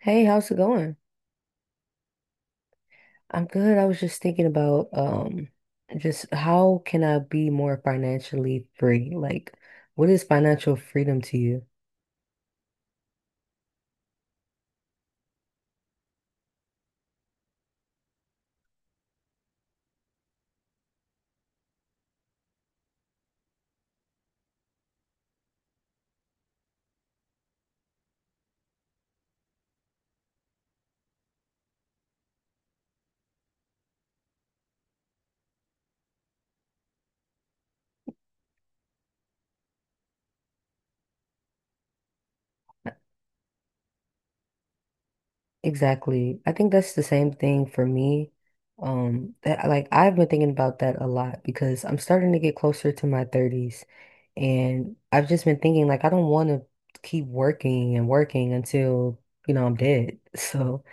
Hey, how's it going? I'm good. I was just thinking about just how can I be more financially free? Like, what is financial freedom to you? Exactly. I think that's the same thing for me. That like I've been thinking about that a lot because I'm starting to get closer to my 30s, and I've just been thinking like I don't want to keep working and working until, you know, I'm dead. So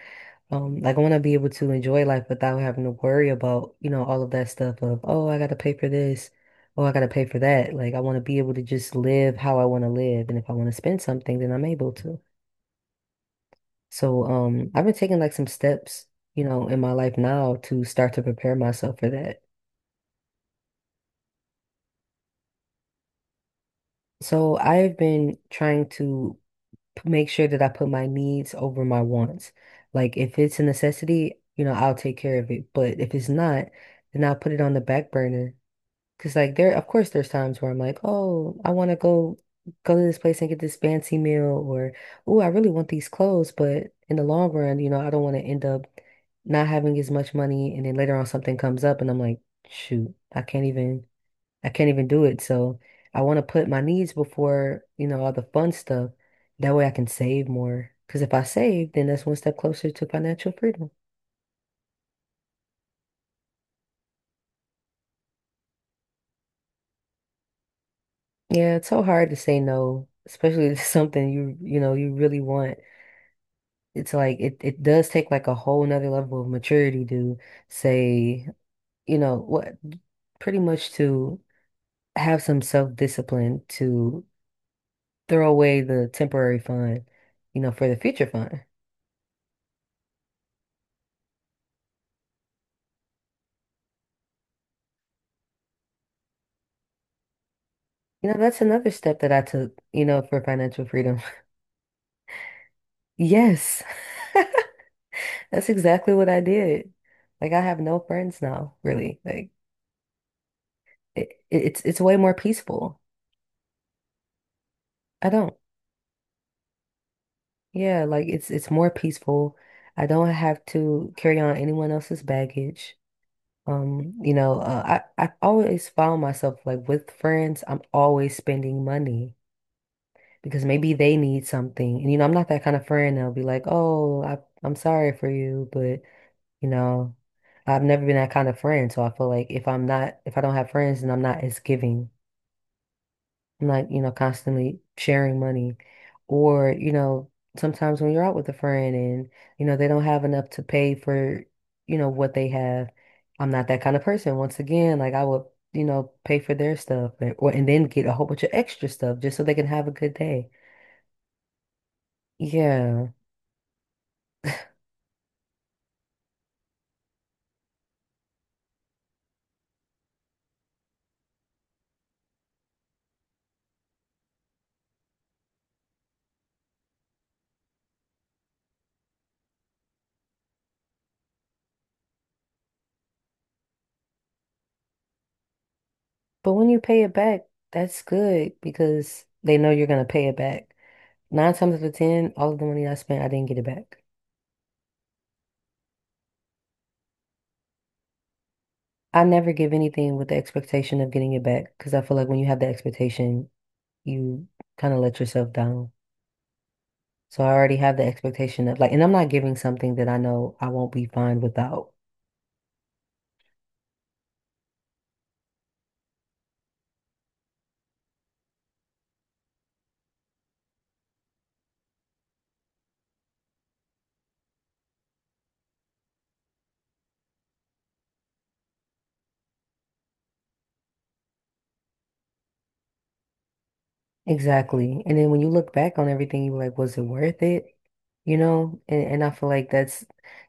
Like I want to be able to enjoy life without having to worry about, you know, all of that stuff of, oh, I got to pay for this, oh, I got to pay for that. Like I want to be able to just live how I want to live, and if I want to spend something, then I'm able to. So, I've been taking like some steps, you know, in my life now to start to prepare myself for that. So I've been trying to make sure that I put my needs over my wants. Like if it's a necessity, you know, I'll take care of it, but if it's not, then I'll put it on the back burner. Cause like there, of course, there's times where I'm like, oh, I want to go to this place and get this fancy meal, or oh, I really want these clothes, but in the long run, you know, I don't want to end up not having as much money, and then later on something comes up, and I'm like, shoot, I can't even do it. So I want to put my needs before, you know, all the fun stuff. That way I can save more. Cause if I save, then that's one step closer to financial freedom. Yeah, it's so hard to say no, especially to something you, you know, you really want. It's like it does take like a whole nother level of maturity to say, you know, what, pretty much to have some self-discipline to throw away the temporary fund, you know, for the future fund. You know, that's another step that I took, you know, for financial freedom. Yes. That's exactly what I did. Like I have no friends now, really. Like it's way more peaceful. I don't. Yeah, like it's more peaceful. I don't have to carry on anyone else's baggage. You know, I always found myself like with friends, I'm always spending money because maybe they need something. And you know, I'm not that kind of friend that'll be like, "Oh, I'm sorry for you," but you know, I've never been that kind of friend, so I feel like if I don't have friends, then I'm not as giving, not, you know, constantly sharing money. Or, you know, sometimes when you're out with a friend and, you know, they don't have enough to pay for, you know, what they have. I'm not that kind of person. Once again, like I would, you know, pay for their stuff or, and then get a whole bunch of extra stuff just so they can have a good day. Yeah. But when you pay it back, that's good because they know you're gonna pay it back. Nine times out of ten, all of the money I spent, I didn't get it back. I never give anything with the expectation of getting it back because I feel like when you have the expectation, you kind of let yourself down. So I already have the expectation of like, and I'm not giving something that I know I won't be fine without. Exactly. And then when you look back on everything, you're like, was it worth it? You know? And I feel like that's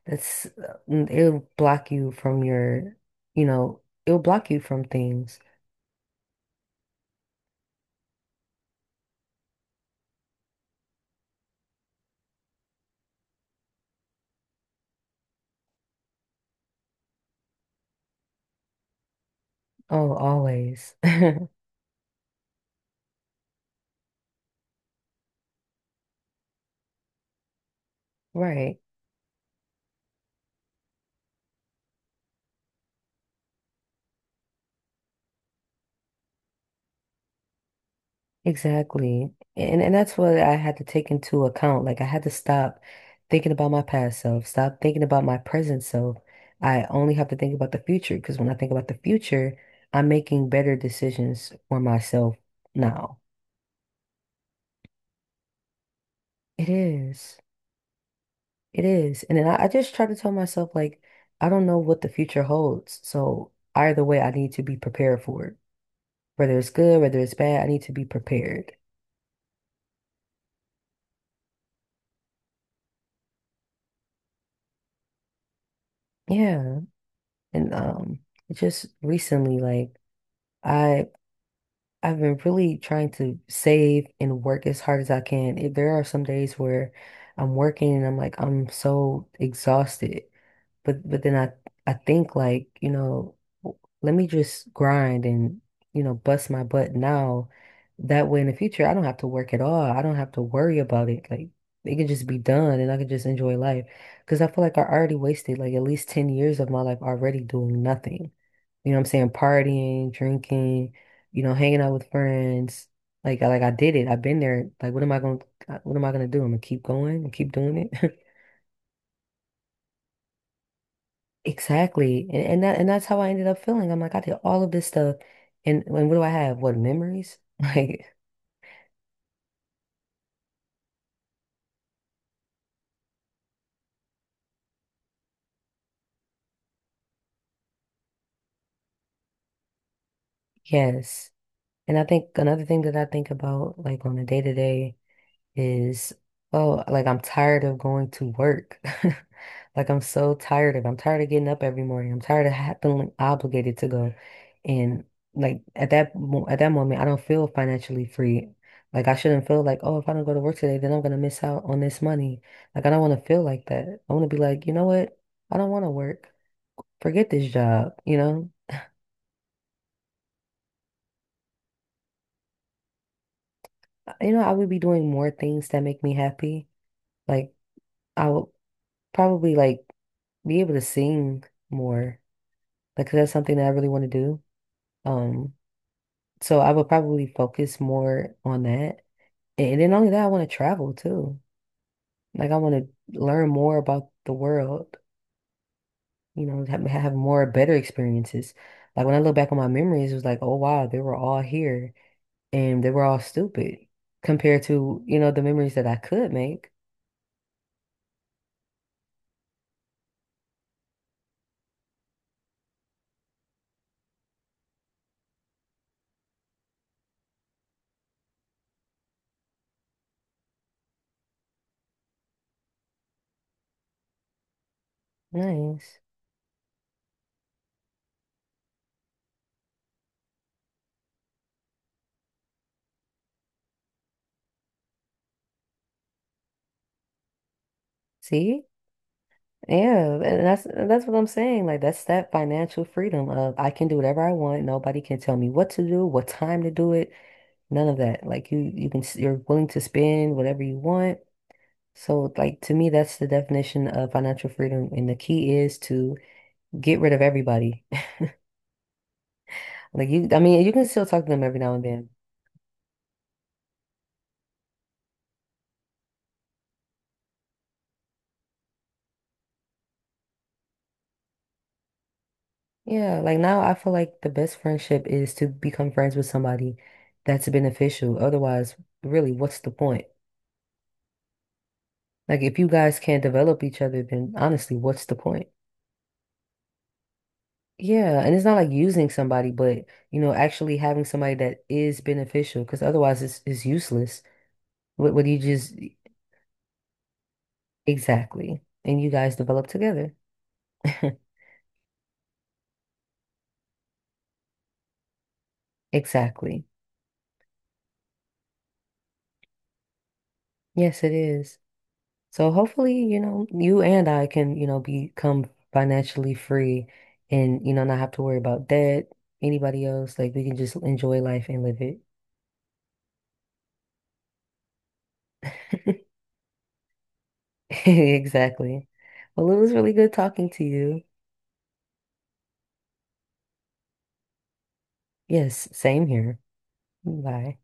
that's uh, mm, it'll block you from your, you know, it'll block you from things. Oh, always. Right. Exactly. And that's what I had to take into account. Like I had to stop thinking about my past self, stop thinking about my present self. I only have to think about the future because when I think about the future, I'm making better decisions for myself now. It is. It is. And then I just try to tell myself like I don't know what the future holds. So either way, I need to be prepared for it. Whether it's good, whether it's bad, I need to be prepared. Yeah. And just recently like I I've been really trying to save and work as hard as I can. If there are some days where I'm working and I'm like, I'm so exhausted, but then I think like, you know, let me just grind and, you know, bust my butt now. That way in the future I don't have to work at all. I don't have to worry about it. Like it can just be done and I can just enjoy life. Because I feel like I already wasted like at least 10 years of my life already doing nothing. You know what I'm saying? Partying, drinking, you know, hanging out with friends. Like I did it. I've been there. Like what am I gonna do? I'm gonna keep going and keep doing it. Exactly. And that's how I ended up feeling. I'm like, I did all of this stuff and what do I have? What memories? Like, yes. And I think another thing that I think about like on a day to day is, oh, like I'm tired of going to work. Like I'm tired of getting up every morning. I'm tired of ha feeling obligated to go. And like at that mo at that moment, I don't feel financially free. Like I shouldn't feel like, oh, if I don't go to work today, then I'm gonna miss out on this money. Like I don't want to feel like that. I want to be like, you know what? I don't want to work. Forget this job, you know? You know, I would be doing more things that make me happy. Like I would probably like be able to sing more, because that's something that I really want to do. Um, so I would probably focus more on that. And then only that, I want to travel too. Like I want to learn more about the world, you know, have more better experiences. Like when I look back on my memories, it was like, oh wow, they were all here and they were all stupid compared to, you know, the memories that I could make. Nice. See? Yeah, and that's what I'm saying. Like that financial freedom of I can do whatever I want. Nobody can tell me what to do, what time to do it. None of that. Like you can, you're willing to spend whatever you want. So, like to me, that's the definition of financial freedom. And the key is to get rid of everybody. Like you, I mean, you can still talk to them every now and then. Yeah. Like now, I feel like the best friendship is to become friends with somebody that's beneficial. Otherwise, really, what's the point? Like if you guys can't develop each other, then honestly, what's the point? Yeah, and it's not like using somebody, but you know, actually having somebody that is beneficial, because otherwise it's useless. What do you just exactly? And you guys develop together. Exactly. Yes, it is. So hopefully, you know, you and I can, you know, become financially free and, you know, not have to worry about debt, anybody else. Like we can just enjoy life and live it. Exactly. Well, it was really good talking to you. Yes, same here. Bye.